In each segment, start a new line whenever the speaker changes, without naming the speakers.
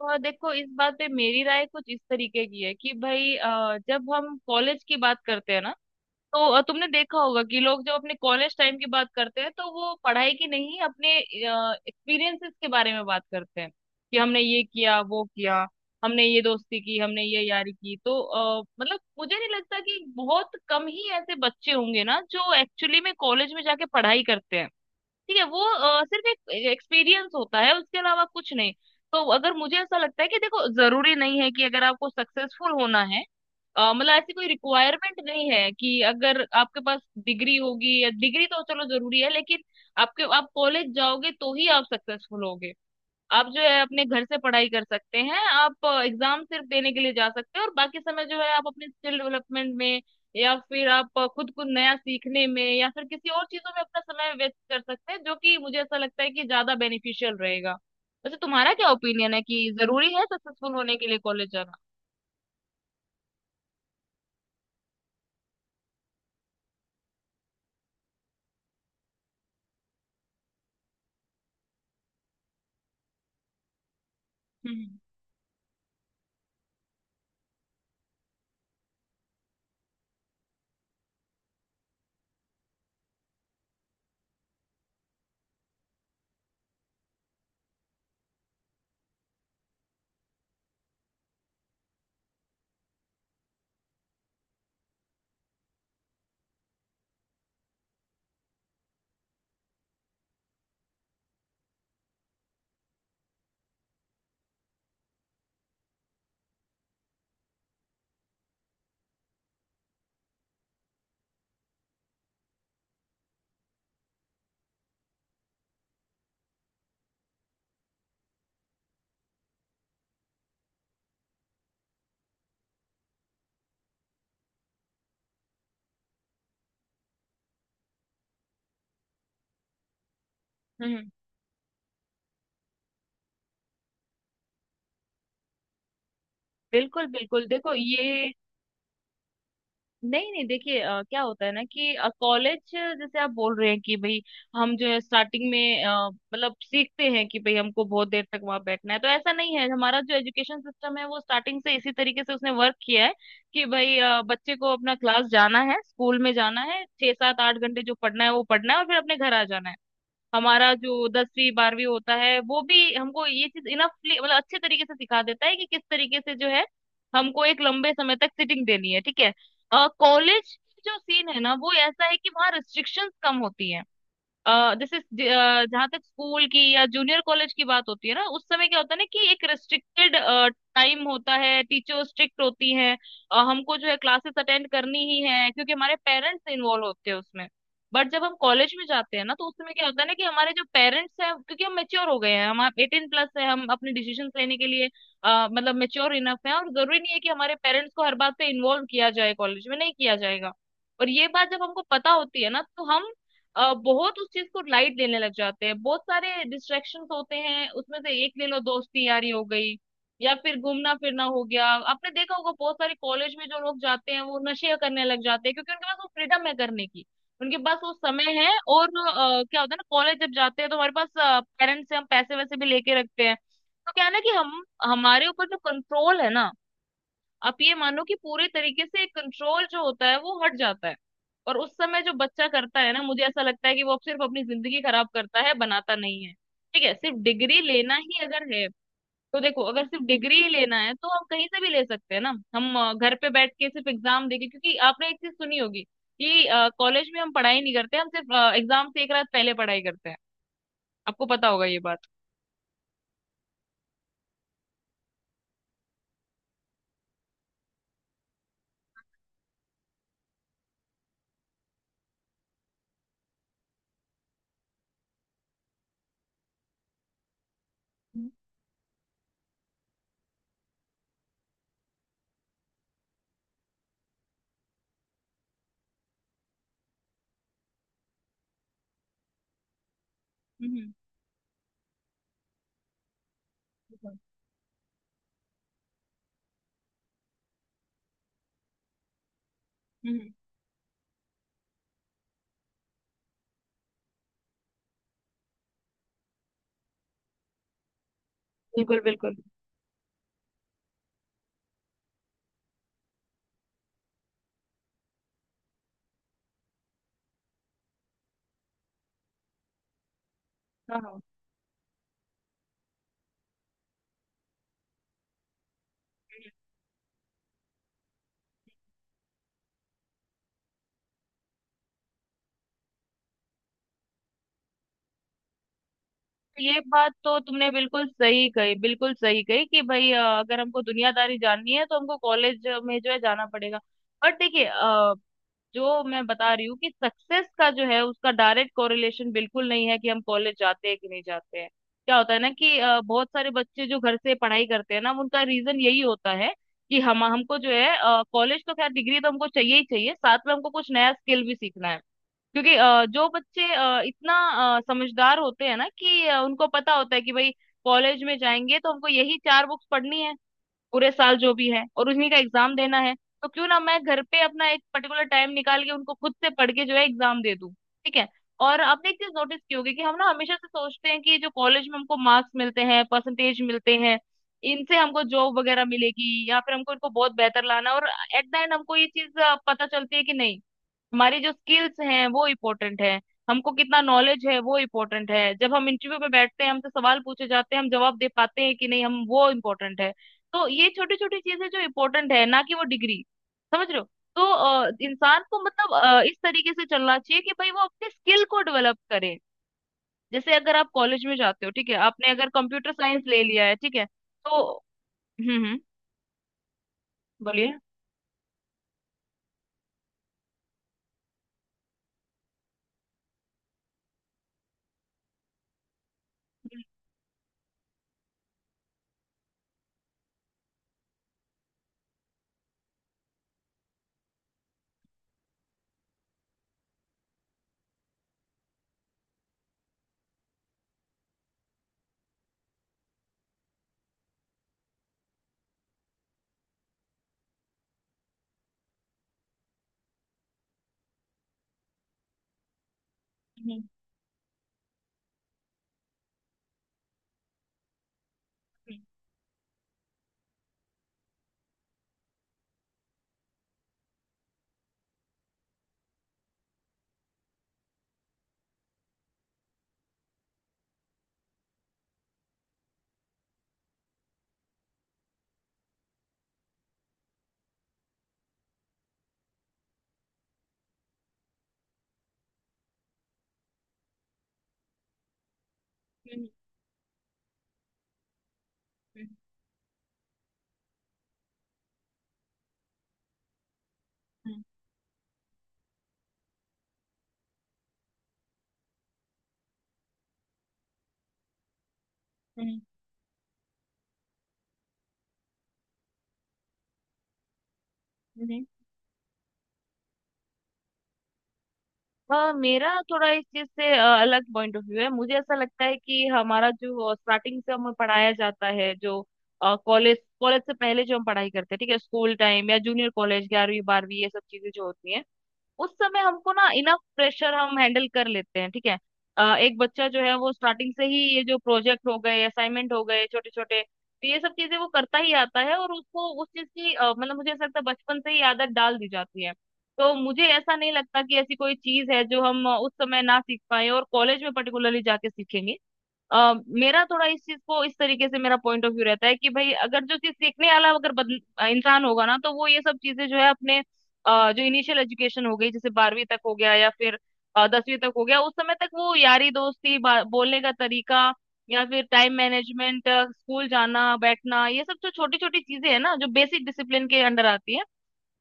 तो देखो, इस बात पे मेरी राय कुछ इस तरीके की है कि भाई जब हम कॉलेज की बात करते हैं ना। तो तुमने देखा होगा कि लोग जब अपने कॉलेज टाइम की बात करते हैं तो वो पढ़ाई की नहीं, अपने एक्सपीरियंसेस के बारे में बात करते हैं कि हमने ये किया वो किया, हमने ये दोस्ती की, हमने ये यारी की। तो मतलब मुझे नहीं लगता, कि बहुत कम ही ऐसे बच्चे होंगे ना जो एक्चुअली में कॉलेज में जाके पढ़ाई करते हैं। ठीक है, वो सिर्फ एक एक्सपीरियंस होता है, उसके अलावा कुछ नहीं। तो अगर मुझे ऐसा लगता है कि देखो जरूरी नहीं है कि अगर आपको सक्सेसफुल होना है मतलब ऐसी कोई रिक्वायरमेंट नहीं है कि अगर आपके पास डिग्री होगी। या डिग्री तो चलो जरूरी है, लेकिन आपके आप कॉलेज जाओगे तो ही आप सक्सेसफुल होगे। आप जो है अपने घर से पढ़ाई कर सकते हैं, आप एग्जाम सिर्फ देने के लिए जा सकते हैं और बाकी समय जो है आप अपने स्किल डेवलपमेंट में या फिर आप खुद को नया सीखने में या फिर किसी और चीजों में अपना समय व्यस्त कर सकते हैं, जो कि मुझे ऐसा लगता है कि ज्यादा बेनिफिशियल रहेगा। वैसे तुम्हारा क्या ओपिनियन है कि जरूरी है सक्सेसफुल होने के लिए कॉलेज जाना? हम्म। हम्म। बिल्कुल बिल्कुल, देखो ये। नहीं नहीं, देखिए क्या होता है ना कि कॉलेज जैसे आप बोल रहे हैं कि भाई हम जो है स्टार्टिंग में मतलब सीखते हैं कि भाई हमको बहुत देर तक वहां बैठना है, तो ऐसा नहीं है। हमारा जो एजुकेशन सिस्टम है वो स्टार्टिंग से इसी तरीके से उसने वर्क किया है कि भाई बच्चे को अपना क्लास जाना है, स्कूल में जाना है, छह सात आठ घंटे जो पढ़ना है वो पढ़ना है और फिर अपने घर आ जाना है। हमारा जो दसवीं बारहवीं होता है वो भी हमको ये चीज इनफली मतलब अच्छे तरीके से सिखा देता है कि किस तरीके से जो है हमको एक लंबे समय तक सिटिंग देनी है। ठीक है। कॉलेज जो सीन है ना वो ऐसा है कि वहाँ रिस्ट्रिक्शंस कम होती है। जैसे जहां तक स्कूल की या जूनियर कॉलेज की बात होती है ना उस समय क्या होता है ना कि एक रेस्ट्रिक्टेड टाइम होता है, टीचर स्ट्रिक्ट होती हैं। हमको जो है क्लासेस अटेंड करनी ही है, क्योंकि हमारे पेरेंट्स इन्वॉल्व होते हैं उसमें। बट जब हम कॉलेज में जाते हैं ना तो उस समय क्या होता है ना कि हमारे जो पेरेंट्स हैं, क्योंकि हम मेच्योर हो गए हैं, हम एटीन प्लस है, हम अपने डिसीजन लेने के लिए मतलब मेच्योर इनफ है, और जरूरी नहीं है कि हमारे पेरेंट्स को हर बात पे इन्वॉल्व किया जाए, कॉलेज में नहीं किया जाएगा। और ये बात जब हमको पता होती है ना तो हम बहुत उस चीज को लाइट लेने लग जाते हैं। बहुत सारे डिस्ट्रैक्शंस होते हैं, उसमें से एक ले लो दोस्ती यारी हो गई या फिर घूमना फिरना हो गया। आपने देखा होगा बहुत सारे कॉलेज में जो लोग जाते हैं वो नशे करने लग जाते हैं, क्योंकि उनके पास वो फ्रीडम है करने की, उनके पास वो समय है। और क्या होता है ना कॉलेज जब जाते हैं तो हमारे पास पेरेंट्स से हम पैसे वैसे भी लेके रखते हैं। तो क्या है ना कि हम हमारे ऊपर जो कंट्रोल है ना, आप ये मानो कि पूरे तरीके से कंट्रोल जो होता है वो हट जाता है। और उस समय जो बच्चा करता है ना मुझे ऐसा लगता है कि वो अब सिर्फ अपनी जिंदगी खराब करता है, बनाता नहीं है। ठीक है, सिर्फ डिग्री लेना ही अगर है तो देखो अगर सिर्फ डिग्री ही लेना है तो हम कहीं से भी ले सकते हैं ना। हम घर पे बैठ के सिर्फ एग्जाम देके, क्योंकि आपने एक चीज सुनी होगी कि कॉलेज में हम पढ़ाई नहीं करते, हम सिर्फ एग्जाम से एक रात पहले पढ़ाई करते हैं। आपको पता होगा ये बात। हम्म। हम्म। हम्म। बिल्कुल बिल्कुल बिल्कुल। हाँ हाँ, ये बात तो तुमने बिल्कुल सही कही, बिल्कुल सही कही कि भाई अगर हमको दुनियादारी जाननी है तो हमको कॉलेज में जो है जाना पड़ेगा। बट देखिए जो मैं बता रही हूँ कि सक्सेस का जो है उसका डायरेक्ट कोरिलेशन बिल्कुल नहीं है कि हम कॉलेज जाते हैं कि नहीं जाते हैं। क्या होता है ना कि बहुत सारे बच्चे जो घर से पढ़ाई करते हैं ना उनका रीजन यही होता है कि हम हमको जो है कॉलेज तो खैर, डिग्री तो हमको चाहिए ही चाहिए, साथ में हमको कुछ नया स्किल भी सीखना है। क्योंकि जो बच्चे इतना समझदार होते हैं ना कि उनको पता होता है कि भाई कॉलेज में जाएंगे तो हमको यही चार बुक्स पढ़नी है पूरे साल जो भी है और उन्हीं का एग्जाम देना है। तो क्यों ना मैं घर पे अपना एक पर्टिकुलर टाइम निकाल के उनको खुद से पढ़ के जो है एग्जाम दे दूं। ठीक है। और आपने एक चीज नोटिस की होगी कि हम ना हमेशा से सोचते हैं कि जो कॉलेज में हमको मार्क्स मिलते हैं, परसेंटेज मिलते हैं, इनसे हमको जॉब वगैरह मिलेगी या फिर हमको इनको बहुत बेहतर लाना है। और एट द एंड हमको ये चीज पता चलती है कि नहीं, हमारी जो स्किल्स हैं वो इम्पोर्टेंट है। हमको कितना नॉलेज है वो इम्पोर्टेंट है। जब हम इंटरव्यू में बैठते हैं, हमसे सवाल पूछे जाते हैं, हम जवाब दे पाते हैं कि नहीं, हम वो इम्पोर्टेंट है। तो ये छोटी छोटी चीजें जो इम्पोर्टेंट है ना, कि वो डिग्री, समझ रहे हो? तो इंसान को मतलब इस तरीके से चलना चाहिए कि भाई वो अपने स्किल को डेवलप करे। जैसे अगर आप कॉलेज में जाते हो ठीक है, आपने अगर कंप्यूटर साइंस ले लिया है ठीक है तो हम्म। हम्म। बोलिए। हम्म। हम्म। हम्म। हम्म। हम्म। हम्म। हम्म। हम्म। हम्म। हाँ मेरा थोड़ा इस चीज से अलग पॉइंट ऑफ व्यू है। मुझे ऐसा लगता है कि हमारा जो स्टार्टिंग से हमें पढ़ाया जाता है, जो कॉलेज कॉलेज से पहले जो हम पढ़ाई करते हैं, ठीक है, स्कूल टाइम या जूनियर कॉलेज, ग्यारहवीं बारहवीं, ये सब चीजें जो होती हैं उस समय हमको ना इनफ प्रेशर हम हैंडल कर लेते हैं। ठीक है। एक बच्चा जो है वो स्टार्टिंग से ही ये जो प्रोजेक्ट हो गए, असाइनमेंट हो गए छोटे छोटे, तो ये सब चीजें वो करता ही आता है और उसको उस चीज की मतलब मुझे ऐसा लगता है बचपन से ही आदत डाल दी जाती है। तो मुझे ऐसा नहीं लगता कि ऐसी कोई चीज है जो हम उस समय ना सीख पाए और कॉलेज में पर्टिकुलरली जाके सीखेंगे। मेरा थोड़ा इस चीज को इस तरीके से मेरा पॉइंट ऑफ व्यू रहता है कि भाई अगर जो चीज सीखने वाला अगर इंसान होगा ना तो वो ये सब चीजें जो है अपने जो इनिशियल एजुकेशन हो गई, जैसे बारहवीं तक हो गया या फिर दसवीं तक हो गया, उस समय तक वो यारी दोस्ती बोलने का तरीका या फिर टाइम मैनेजमेंट, स्कूल जाना बैठना, ये सब जो छोटी छोटी चीजें है ना जो बेसिक डिसिप्लिन के अंडर आती है,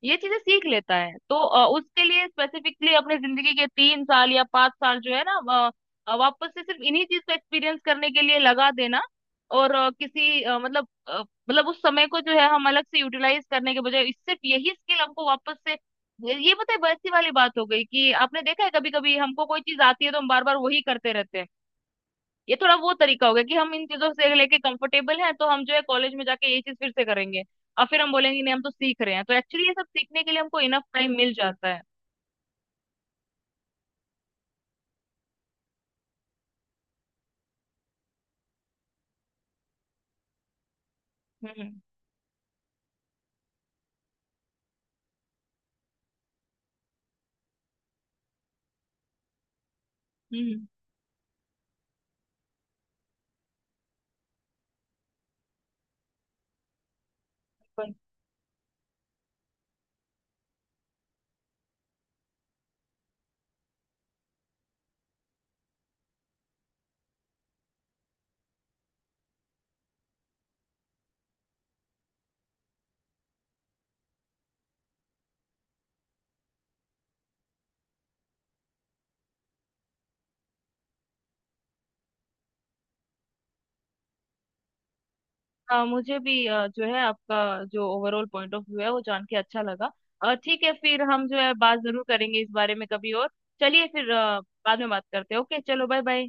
ये चीजें सीख लेता है। तो उसके लिए स्पेसिफिकली अपने जिंदगी के तीन साल या पांच साल जो है ना अ, वापस से सिर्फ इन्हीं चीज को एक्सपीरियंस करने के लिए लगा देना। और किसी मतलब उस समय को जो है हम अलग से यूटिलाइज करने के बजाय, सिर्फ यही स्किल हमको वापस से, ये पता है वैसी वाली बात हो गई कि आपने देखा है कभी कभी हमको कोई चीज आती है तो हम बार बार वही करते रहते हैं। ये थोड़ा वो तरीका हो गया कि हम इन चीजों से लेके कंफर्टेबल हैं तो हम जो है कॉलेज में जाके ये चीज फिर से करेंगे। और फिर हम बोलेंगे नहीं हम तो सीख रहे हैं। तो एक्चुअली ये सब सीखने के लिए हमको इनफ टाइम मिल जाता है। हम्म। हम्म। हम्म। बिल्कुल। हाँ मुझे भी जो है आपका जो ओवरऑल पॉइंट ऑफ व्यू है वो जान के अच्छा लगा। और ठीक है, फिर हम जो है बात जरूर करेंगे इस बारे में कभी और। चलिए फिर बाद में बात करते हैं। ओके, चलो बाय बाय।